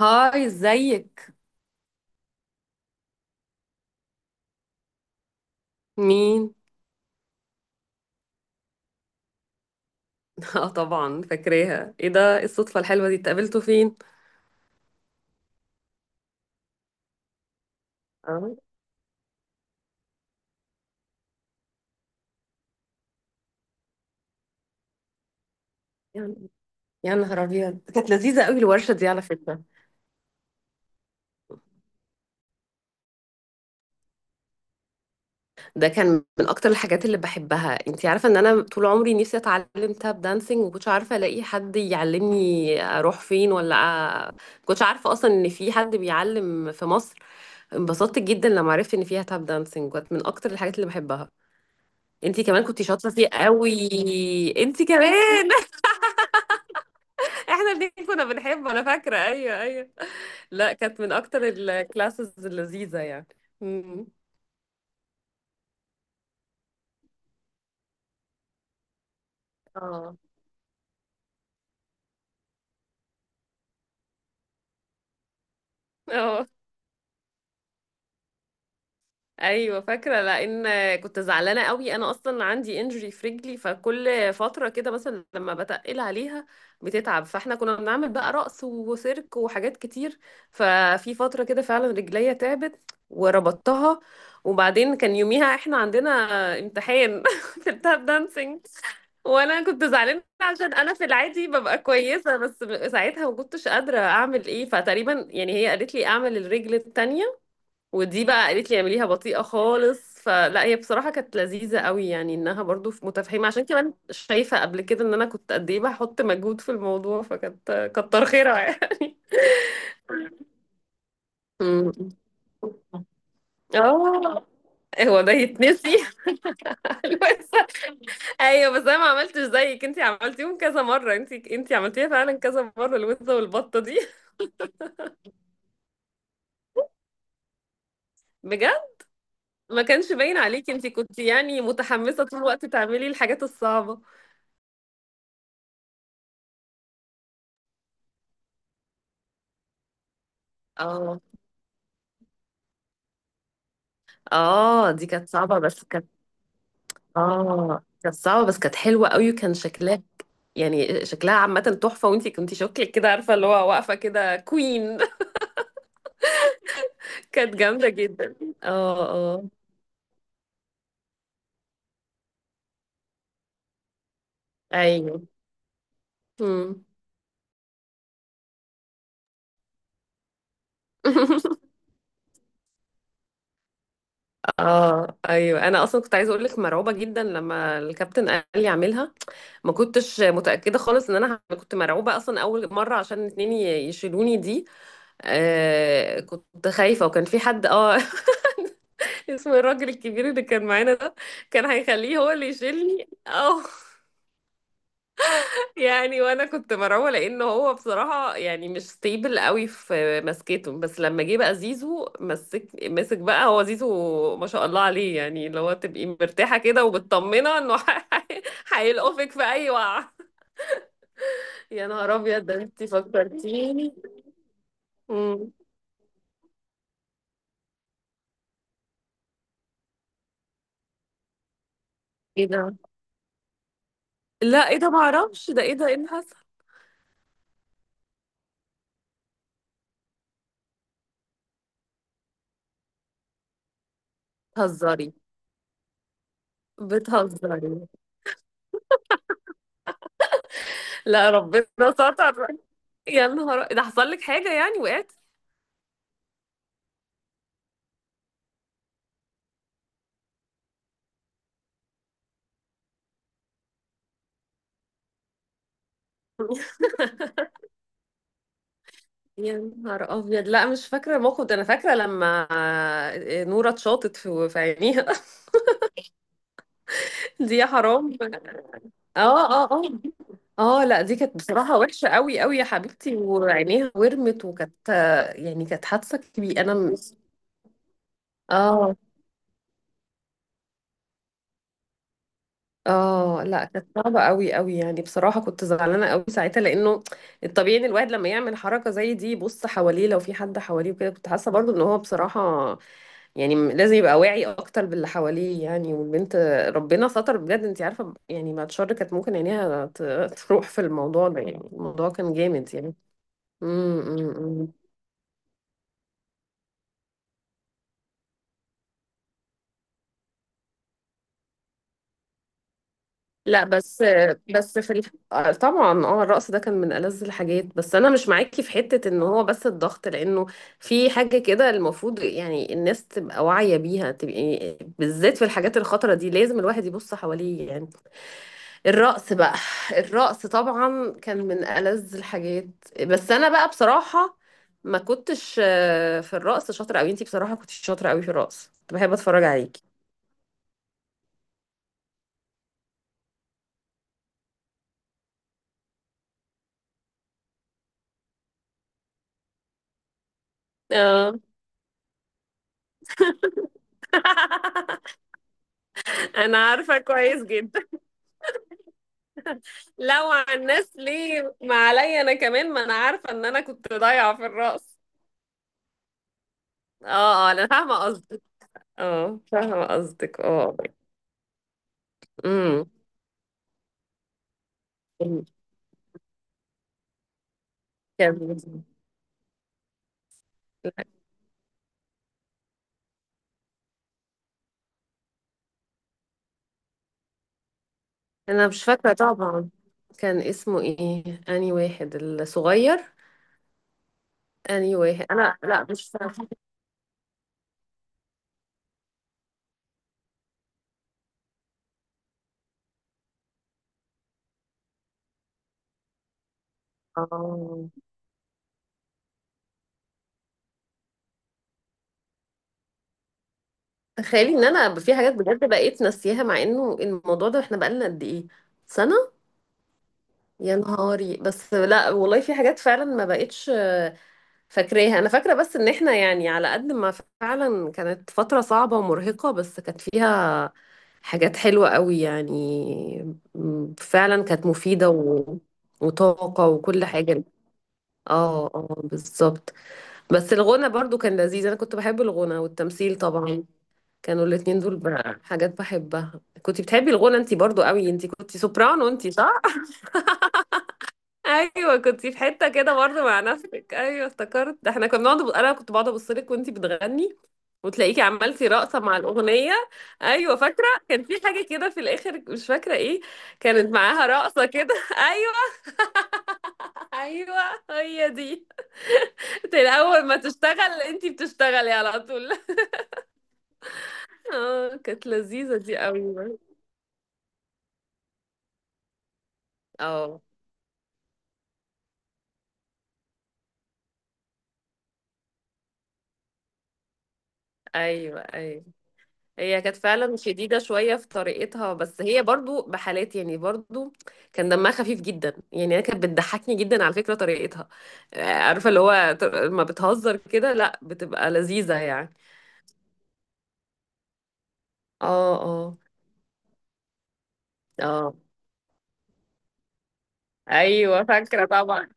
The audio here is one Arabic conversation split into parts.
هاي، ازيك؟ مين؟ اه طبعا فاكراها. ايه ده؟ إيه الصدفه الحلوه دي؟ اتقابلتوا فين؟ اه. يعني، يا نهار ابيض، كانت لذيذه قوي الورشه دي على فكره. ده كان من اكتر الحاجات اللي بحبها. انتي عارفه ان انا طول عمري نفسي اتعلم تاب دانسينج، وكنتش عارفه الاقي حد يعلمني، اروح فين ولا أ... كنتش عارفه اصلا ان في حد بيعلم في مصر. انبسطت جدا لما عرفت ان فيها تاب دانسينج، كانت من اكتر الحاجات اللي بحبها. انتي كمان كنتي شاطره فيه قوي. انتي كمان، احنا الاتنين كنا بنحبه. انا فاكره، ايوه ايوه. لا، كانت من اكتر الكلاسز اللذيذه يعني. امم. اه، اه، ايوه فاكره لان كنت زعلانه قوي. انا اصلا عندي انجري في رجلي، فكل فتره كده مثلا لما بتقل عليها بتتعب، فاحنا كنا بنعمل بقى رقص وسيرك وحاجات كتير. ففي فتره كده فعلا رجليا تعبت، وربطتها. وبعدين كان يوميها احنا عندنا امتحان في التاب دانسينج. وانا كنت زعلانه عشان انا في العادي ببقى كويسه، بس ساعتها ما كنتش قادره اعمل ايه، فتقريبا يعني هي قالت لي اعمل الرجل التانية. ودي بقى قالت لي اعمليها بطيئة خالص. فلا، هي بصراحة كانت لذيذة قوي، يعني انها برضو متفهمة، عشان كمان شايفة قبل كده ان انا كنت قد ايه بحط مجهود في الموضوع، فكانت كتر خيرها يعني. أمم. اه. هو ده يتنسي؟ بس- ايوه، بس انا ما عملتش زيك. انتي عملتيهم كذا مرة، انتي عملتيها فعلا كذا مرة الوزة والبطة دي بجد، ما كانش باين عليكي. انتي كنتي يعني متحمسة طول الوقت تعملي الحاجات الصعبة. اه، اه، دي كانت صعبة بس كانت. اه، كانت صعبة بس كانت حلوة قوي، وكان شكلها يعني شكلها عامة تحفة، وانتي كنتي شكلك كده، عارفة، اللي هو واقفة كده كوين. كانت جامدة جدا. اه، اه، ايوه. مم. اه، ايوه، انا اصلا كنت عايزه اقول لك مرعوبه جدا لما الكابتن قال لي اعملها. ما كنتش متاكده خالص ان انا كنت مرعوبه اصلا اول مره عشان اتنين يشيلوني دي. آه كنت خايفه، وكان في حد اسم الراجل الكبير اللي كان معانا ده، كان هيخليه هو اللي يشيلني او يعني. وانا كنت مرعوبه لان هو بصراحه يعني مش ستيبل قوي في مسكته، بس لما جه بقى زيزو مسك مسك بقى، هو زيزو ما شاء الله عليه، يعني اللي هو تبقي مرتاحه كده ومطمنه انه هيلقفك في اي وقعه. يا نهار ابيض، ده انت فكرتيني. مم. ايه ده؟ لا، ايه ده؟ ما اعرفش. ده ايه ده؟ ايه اللي حصل؟ بتهزري؟ بتهزري؟ لا، ربنا ستر. يا نهار، ده حصل لك حاجة يعني؟ وقعت؟ يا نهار ابيض، لا مش فاكرة الموقف ده. انا فاكرة لما آه، نورة اتشاطت في عينيها. دي يا حرام. اه، اه، اه، اه، لا، دي كانت بصراحة وحشة قوي قوي يا حبيبتي، وعينيها ورمت، وكانت آه، يعني كانت حادثة كبيرة. اه، اه، لا كانت صعبة قوي قوي، يعني بصراحة كنت زعلانة قوي ساعتها، لانه الطبيعي ان الواحد لما يعمل حركة زي دي يبص حواليه، لو في حد حواليه وكده. كنت حاسة برضو ان هو بصراحة يعني لازم يبقى واعي اكتر باللي حواليه يعني. والبنت، ربنا ستر بجد، انت عارفه، يعني بعد شر كانت ممكن عينيها تروح في الموضوع ده. يعني الموضوع كان جامد يعني. أمم، أمم، أمم. لا، بس. آه، طبعا الرقص ده كان من ألذ الحاجات، بس انا مش معاكي في حته ان هو بس الضغط، لانه في حاجه كده المفروض يعني الناس تبقى واعيه بيها، تبقى بالذات في الحاجات الخطره دي لازم الواحد يبص حواليه يعني. الرقص بقى، الرقص طبعا كان من ألذ الحاجات. بس انا بقى بصراحة ما كنتش في الرقص شاطرة قوي. انتي بصراحة كنتش شاطرة قوي في الرقص، كنت بحب اتفرج عليكي. اه. انا عارفة كويس جدا. لو على الناس ليه؟ ما عليا انا كمان، ما انا عارفة ان انا كنت ضايعة في الرقص. اه، اه، انا فاهمة قصدك. اه، فاهمة قصدك. اه. امم. كان، انا مش فاكره طبعا. كان اسمه ايه اني واحد الصغير؟ اني واحد؟ انا لا، مش فاكره. اه. تخيلي ان انا في حاجات بجد بقيت ناسياها، مع انه الموضوع ده احنا بقالنا قد ايه؟ سنه. يا نهاري، بس لا والله في حاجات فعلا ما بقتش فاكراها. انا فاكره بس ان احنا يعني، على قد ما فعلا كانت فتره صعبه ومرهقه، بس كانت فيها حاجات حلوه قوي. يعني فعلا كانت مفيده وطاقة وكل حاجة. اه، اه، بالظبط. بس الغنى برضو كان لذيذ، انا كنت بحب الغنى والتمثيل طبعا. كانوا الاتنين دول بقى حاجات بحبها. كنت بتحبي الغنى انتي برضو قوي، انتي كنتي سوبرانو انتي، صح؟ ايوه، كنتي في حتة كده برضو مع نفسك. ايوه افتكرت، ده احنا كنا بنقعد انا كنت بقعد ابص لك وانتي بتغني، وتلاقيكي عملتي رقصة مع الأغنية. أيوة فاكرة، كان في حاجة كده في الآخر، مش فاكرة إيه. كانت معاها رقصة كده أيوة. أيوة هي دي. أول ما تشتغل أنتي بتشتغلي على طول. اه، كانت لذيذة دي قوي. اه، ايوه، ايوه. هي كانت فعلا شديدة شوية في طريقتها، بس هي برضو بحالات يعني، برضو كان دمها خفيف جدا، يعني انا كانت بتضحكني جدا على فكرة طريقتها. آه، عارفة اللي هو لما بتهزر كده، لا بتبقى لذيذة يعني. اه، اه، اه، ايوه فاكرة طبعا.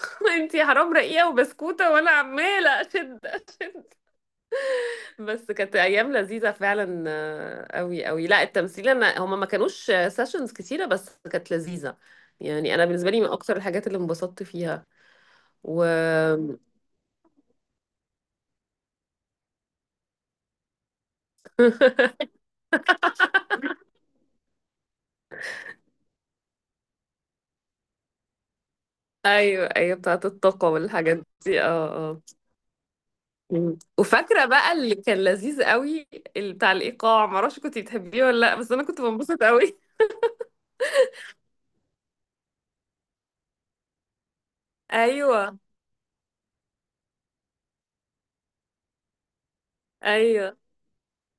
انتي حرام رقيقة وبسكوتة، وانا عمالة اشد اشد. بس كانت ايام لذيذه فعلا، قوي قوي. لا التمثيل، انا هما ما كانوش سيشنز كتيره، بس كانت لذيذه. يعني انا بالنسبه لي من اكتر الحاجات اللي انبسطت فيها. و ايوه، ايوه، بتاعه الطاقه والحاجات دي. اه، اه. مم. وفاكره بقى اللي كان لذيذ قوي، اللي بتاع الايقاع، ما اعرفش كنت بتحبيه ولا لا، بس انا كنت بنبسط قوي. ايوه، ايوه،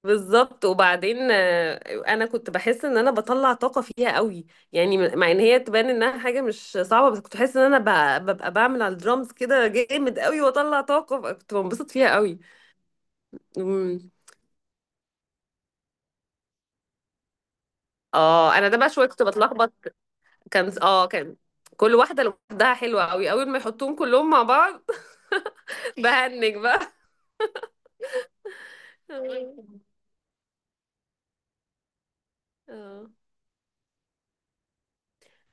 بالظبط. وبعدين انا كنت بحس ان انا بطلع طاقه فيها قوي. يعني مع ان هي تبان انها حاجه مش صعبه، بس كنت بحس ان انا ببقى بعمل على الدرامز كده جامد قوي، واطلع طاقه، فكنت بنبسط فيها قوي. أمم. اه، انا ده بقى شويه كنت بتلخبط. كان كل واحده لوحدها حلوه قوي، اول ما يحطوهم كلهم مع بعض بهنج بقى. اه،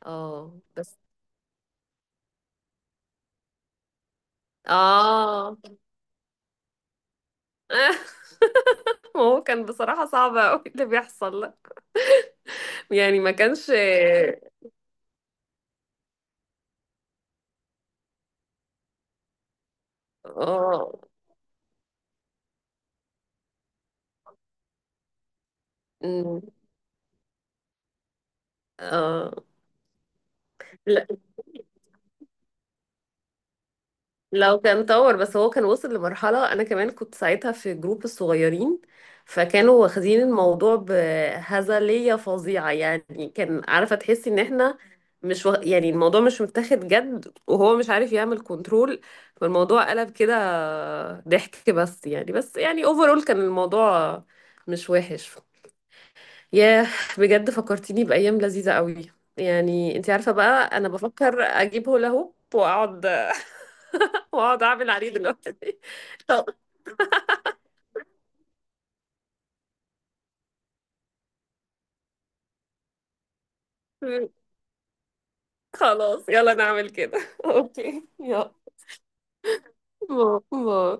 اه، بس اه ما هو كان بصراحه صعب قوي اللي بيحصل. يعني ما كانش. اه، أمم، اه، لا لو كان طور، بس هو كان وصل لمرحلة. انا كمان كنت ساعتها في جروب الصغيرين، فكانوا واخدين الموضوع بهزلية فظيعة. يعني كان، عارفة، تحسي ان احنا مش يعني الموضوع مش متاخد جد، وهو مش عارف يعمل كنترول، فالموضوع قلب كده ضحك. بس يعني اوفرول كان الموضوع مش وحش. ياه، بجد فكرتيني بأيام لذيذة قوي. يعني، انت عارفة بقى، انا بفكر اجيب هولا هوب واقعد واقعد اعمل عليه دلوقتي. طب. خلاص يلا نعمل كده. اوكي، يلا. باي باي.